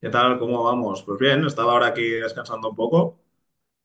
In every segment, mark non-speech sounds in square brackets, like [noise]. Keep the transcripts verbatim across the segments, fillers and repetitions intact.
¿Qué tal? ¿Cómo vamos? Pues bien, estaba ahora aquí descansando un poco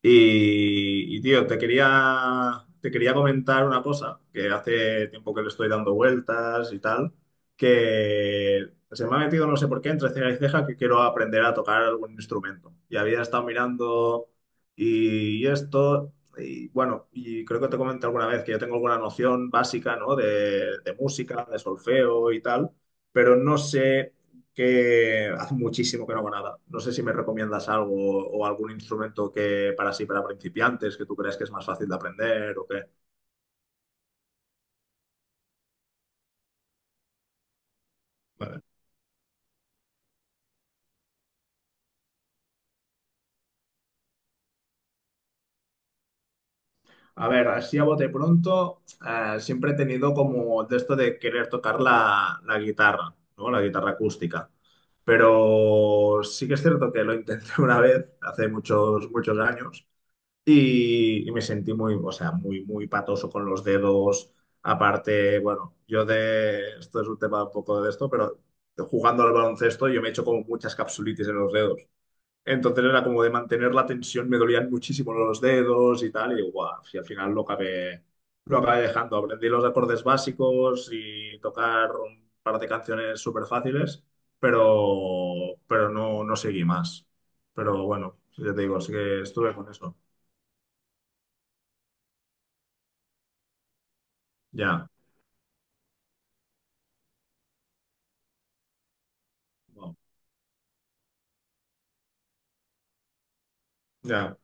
y, y, tío, te quería, te quería comentar una cosa que hace tiempo que le estoy dando vueltas y tal, que se me ha metido no sé por qué entre ceja y ceja que quiero aprender a tocar algún instrumento. Y había estado mirando y esto, y bueno, y creo que te comenté alguna vez que yo tengo alguna noción básica, ¿no? De, de música, de solfeo y tal, pero no sé que hace muchísimo que no hago nada. No sé si me recomiendas algo o algún instrumento que para sí, para principiantes, que tú crees que es más fácil de aprender o qué. Vale. A ver, así a bote pronto, eh, siempre he tenido como de esto de querer tocar la, la guitarra, ¿no? La guitarra acústica. Pero sí que es cierto que lo intenté [laughs] una vez, hace muchos, muchos años, y, y me sentí muy, o sea, muy, muy patoso con los dedos. Aparte, bueno, yo de, esto es un tema un poco de esto, pero jugando al baloncesto yo me he hecho como muchas capsulitis en los dedos. Entonces era como de mantener la tensión, me dolían muchísimo los dedos y tal, y guau, y al final lo acabé, lo acabé dejando. Aprendí los acordes básicos y tocar un par de canciones súper fáciles, pero, pero no, no seguí más. Pero bueno, ya te digo, así que estuve con eso. Ya. Wow. Ya.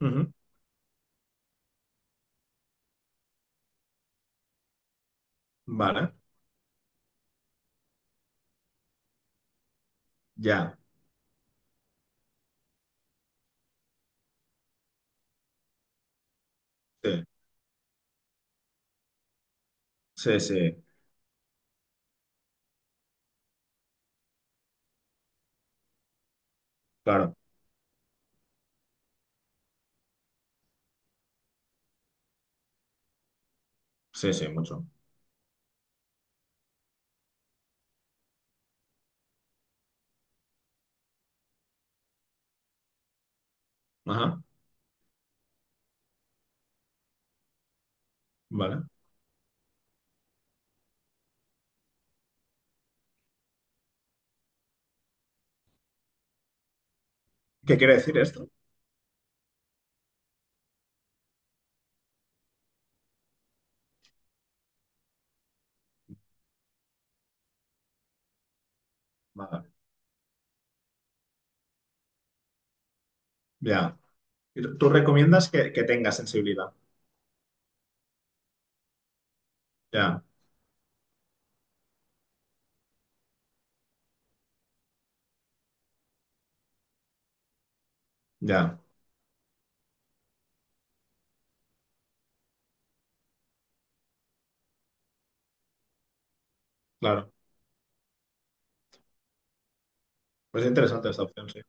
Ujú. Vale. Ya. Sí. Sí, sí. Claro. Sí, sí, mucho. Ajá. Vale. ¿Qué quiere decir esto? Vale. Ya. Y Tú tú recomiendas que, que tenga sensibilidad. Ya. Ya. Claro. Pues es interesante esta opción, sí.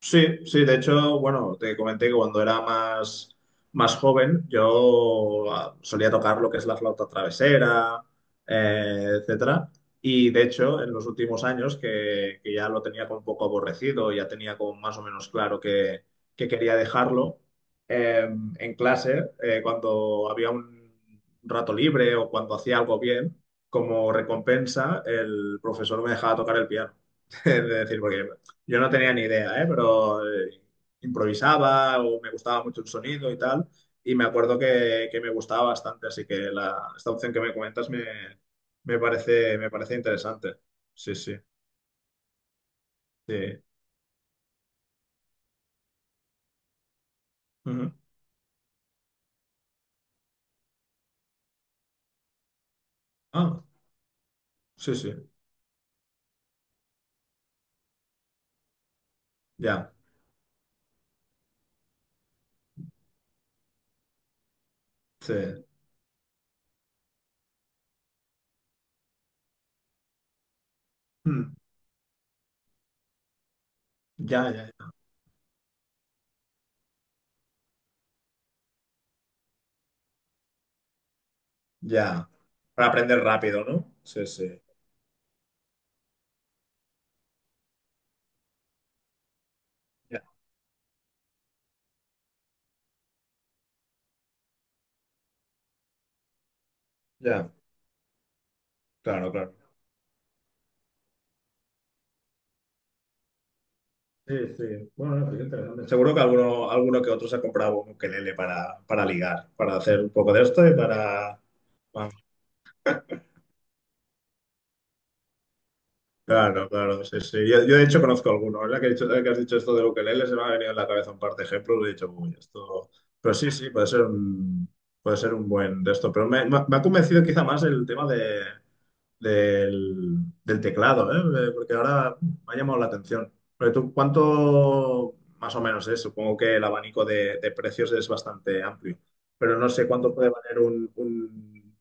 Sí, sí, de hecho, bueno, te comenté que cuando era más, más joven yo ah, solía tocar lo que es la flauta travesera, eh, etcétera. Y de hecho, en los últimos años que, que ya lo tenía como un poco aborrecido, ya tenía como más o menos claro que, que quería dejarlo, eh, en clase, eh, cuando había un rato libre o cuando hacía algo bien, como recompensa, el profesor me dejaba tocar el piano. [laughs] Es decir, porque yo no tenía ni idea, ¿eh? Pero eh, improvisaba o me gustaba mucho el sonido y tal. Y me acuerdo que, que me gustaba bastante, así que la, esta opción que me comentas me, me parece, me parece interesante. Sí, sí, sí. Ujú. Ah, sí, sí, ya, sí. Mm, ya, ya, ya. Ya. Para aprender rápido, ¿no? Sí, sí. Ya, ya. Claro, claro. Sí, sí. Bueno, no, pues qué interesante. Seguro que alguno, alguno que otro se ha comprado un ukelele para, para ligar, para hacer un poco de esto y para... para- Claro, claro, sí, sí. Yo, yo, de hecho conozco alguno, ¿verdad? Que, he dicho- que has dicho esto del ukelele, se me ha venido en la cabeza un par de ejemplos y he dicho, uy, esto... Pero sí, sí, puede ser un, puede ser un buen de esto. Pero me, me ha me ha convencido quizá más el tema de... del, del teclado, ¿eh? Eh, Porque ahora me ha llamado la atención. Pero tú, ¿cuánto más o menos es? Supongo que el abanico de, de precios es bastante amplio, pero no sé cuánto puede valer un, un,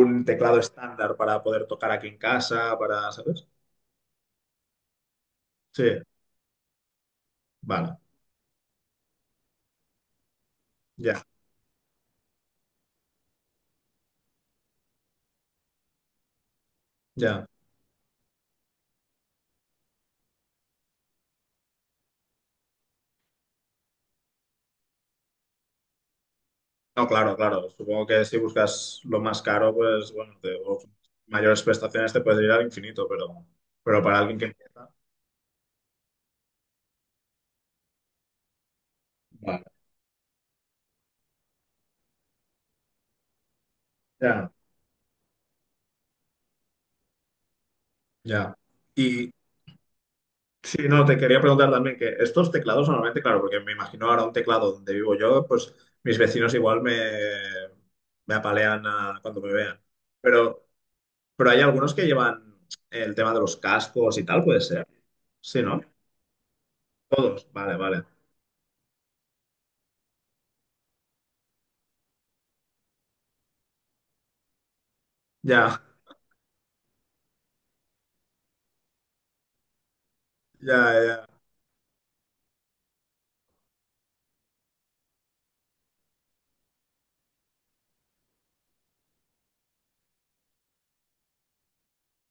un teclado estándar para poder tocar aquí en casa, para, ¿sabes? Sí, vale, ya, ya. No, claro, claro. Supongo que si buscas lo más caro, pues bueno, te- o mayores prestaciones te puedes ir al infinito, pero, pero para alguien que empieza, vale, ya, ya. Y, sí, no, te quería preguntar también que estos teclados normalmente, claro, porque me imagino ahora un teclado donde vivo yo, pues mis vecinos igual me, me apalean ah, cuando me vean. Pero, pero hay algunos que llevan el tema de los cascos y tal, puede ser. Sí, ¿no? Todos. Vale, vale. Ya, ya, ya.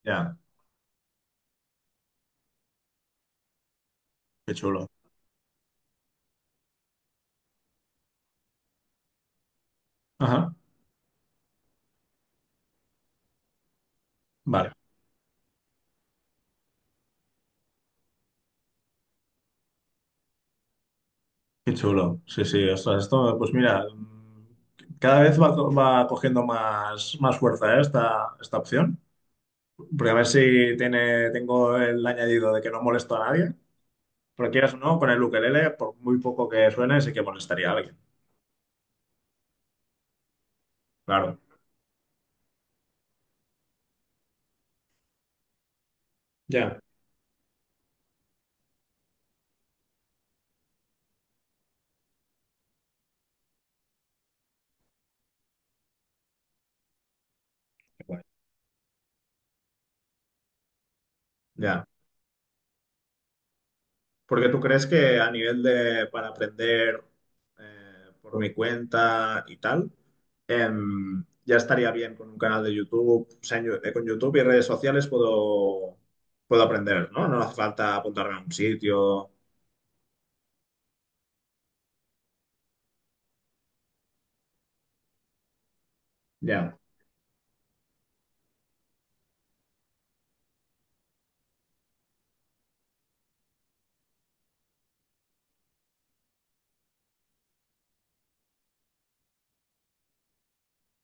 Ya, qué chulo. Ajá, vale, qué chulo. Sí, sí, ostras, esto, pues mira, mm, cada vez va, co- va cogiendo más, más fuerza, ¿eh? esta, esta opción. Porque a ver si tiene, tengo el añadido de que no molesto a nadie. Porque quieras o no, con el ukelele, por muy poco que suene, sí que molestaría a alguien. Claro, ya. Qué guay. Ya. Porque tú crees que a nivel de para aprender eh, por mi cuenta y tal, em, ya estaría bien con un canal de YouTube. O sea, en Yo- eh, con YouTube y redes sociales puedo, puedo aprender, ¿no? No hace falta apuntarme a un sitio. Ya,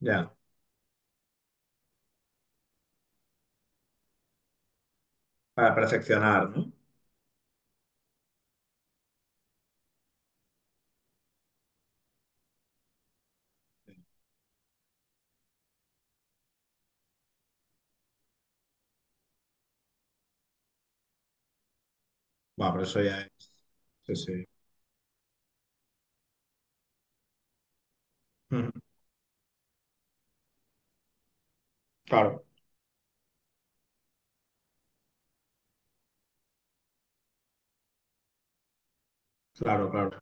ya. Para perfeccionar, ¿no? Bueno, pero eso ya es. Sí, sí. Mm, claro, claro, claro.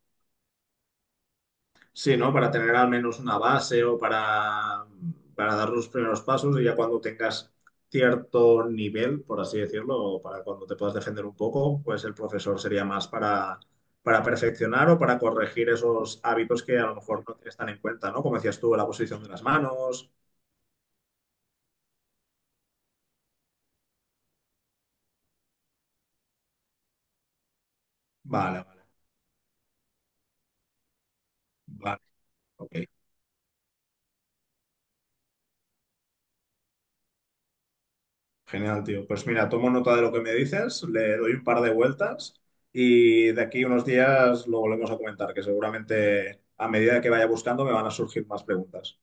Sí, ¿no? Para tener al menos una base o para, para dar los primeros pasos y ya cuando tengas cierto nivel, por así decirlo, o para cuando te puedas defender un poco, pues el profesor sería más para, para perfeccionar o para corregir esos hábitos que a lo mejor no están en cuenta, ¿no? Como decías tú, la posición de las manos. Vale, vale, vale. Ok. Genial, tío. Pues mira, tomo nota de lo que me dices, le doy un par de vueltas y de aquí unos días lo volvemos a comentar, que seguramente a medida que vaya buscando me van a surgir más preguntas.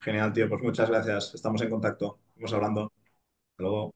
Genial, tío. Pues muchas gracias. Estamos en contacto. Vamos hablando. Hasta luego.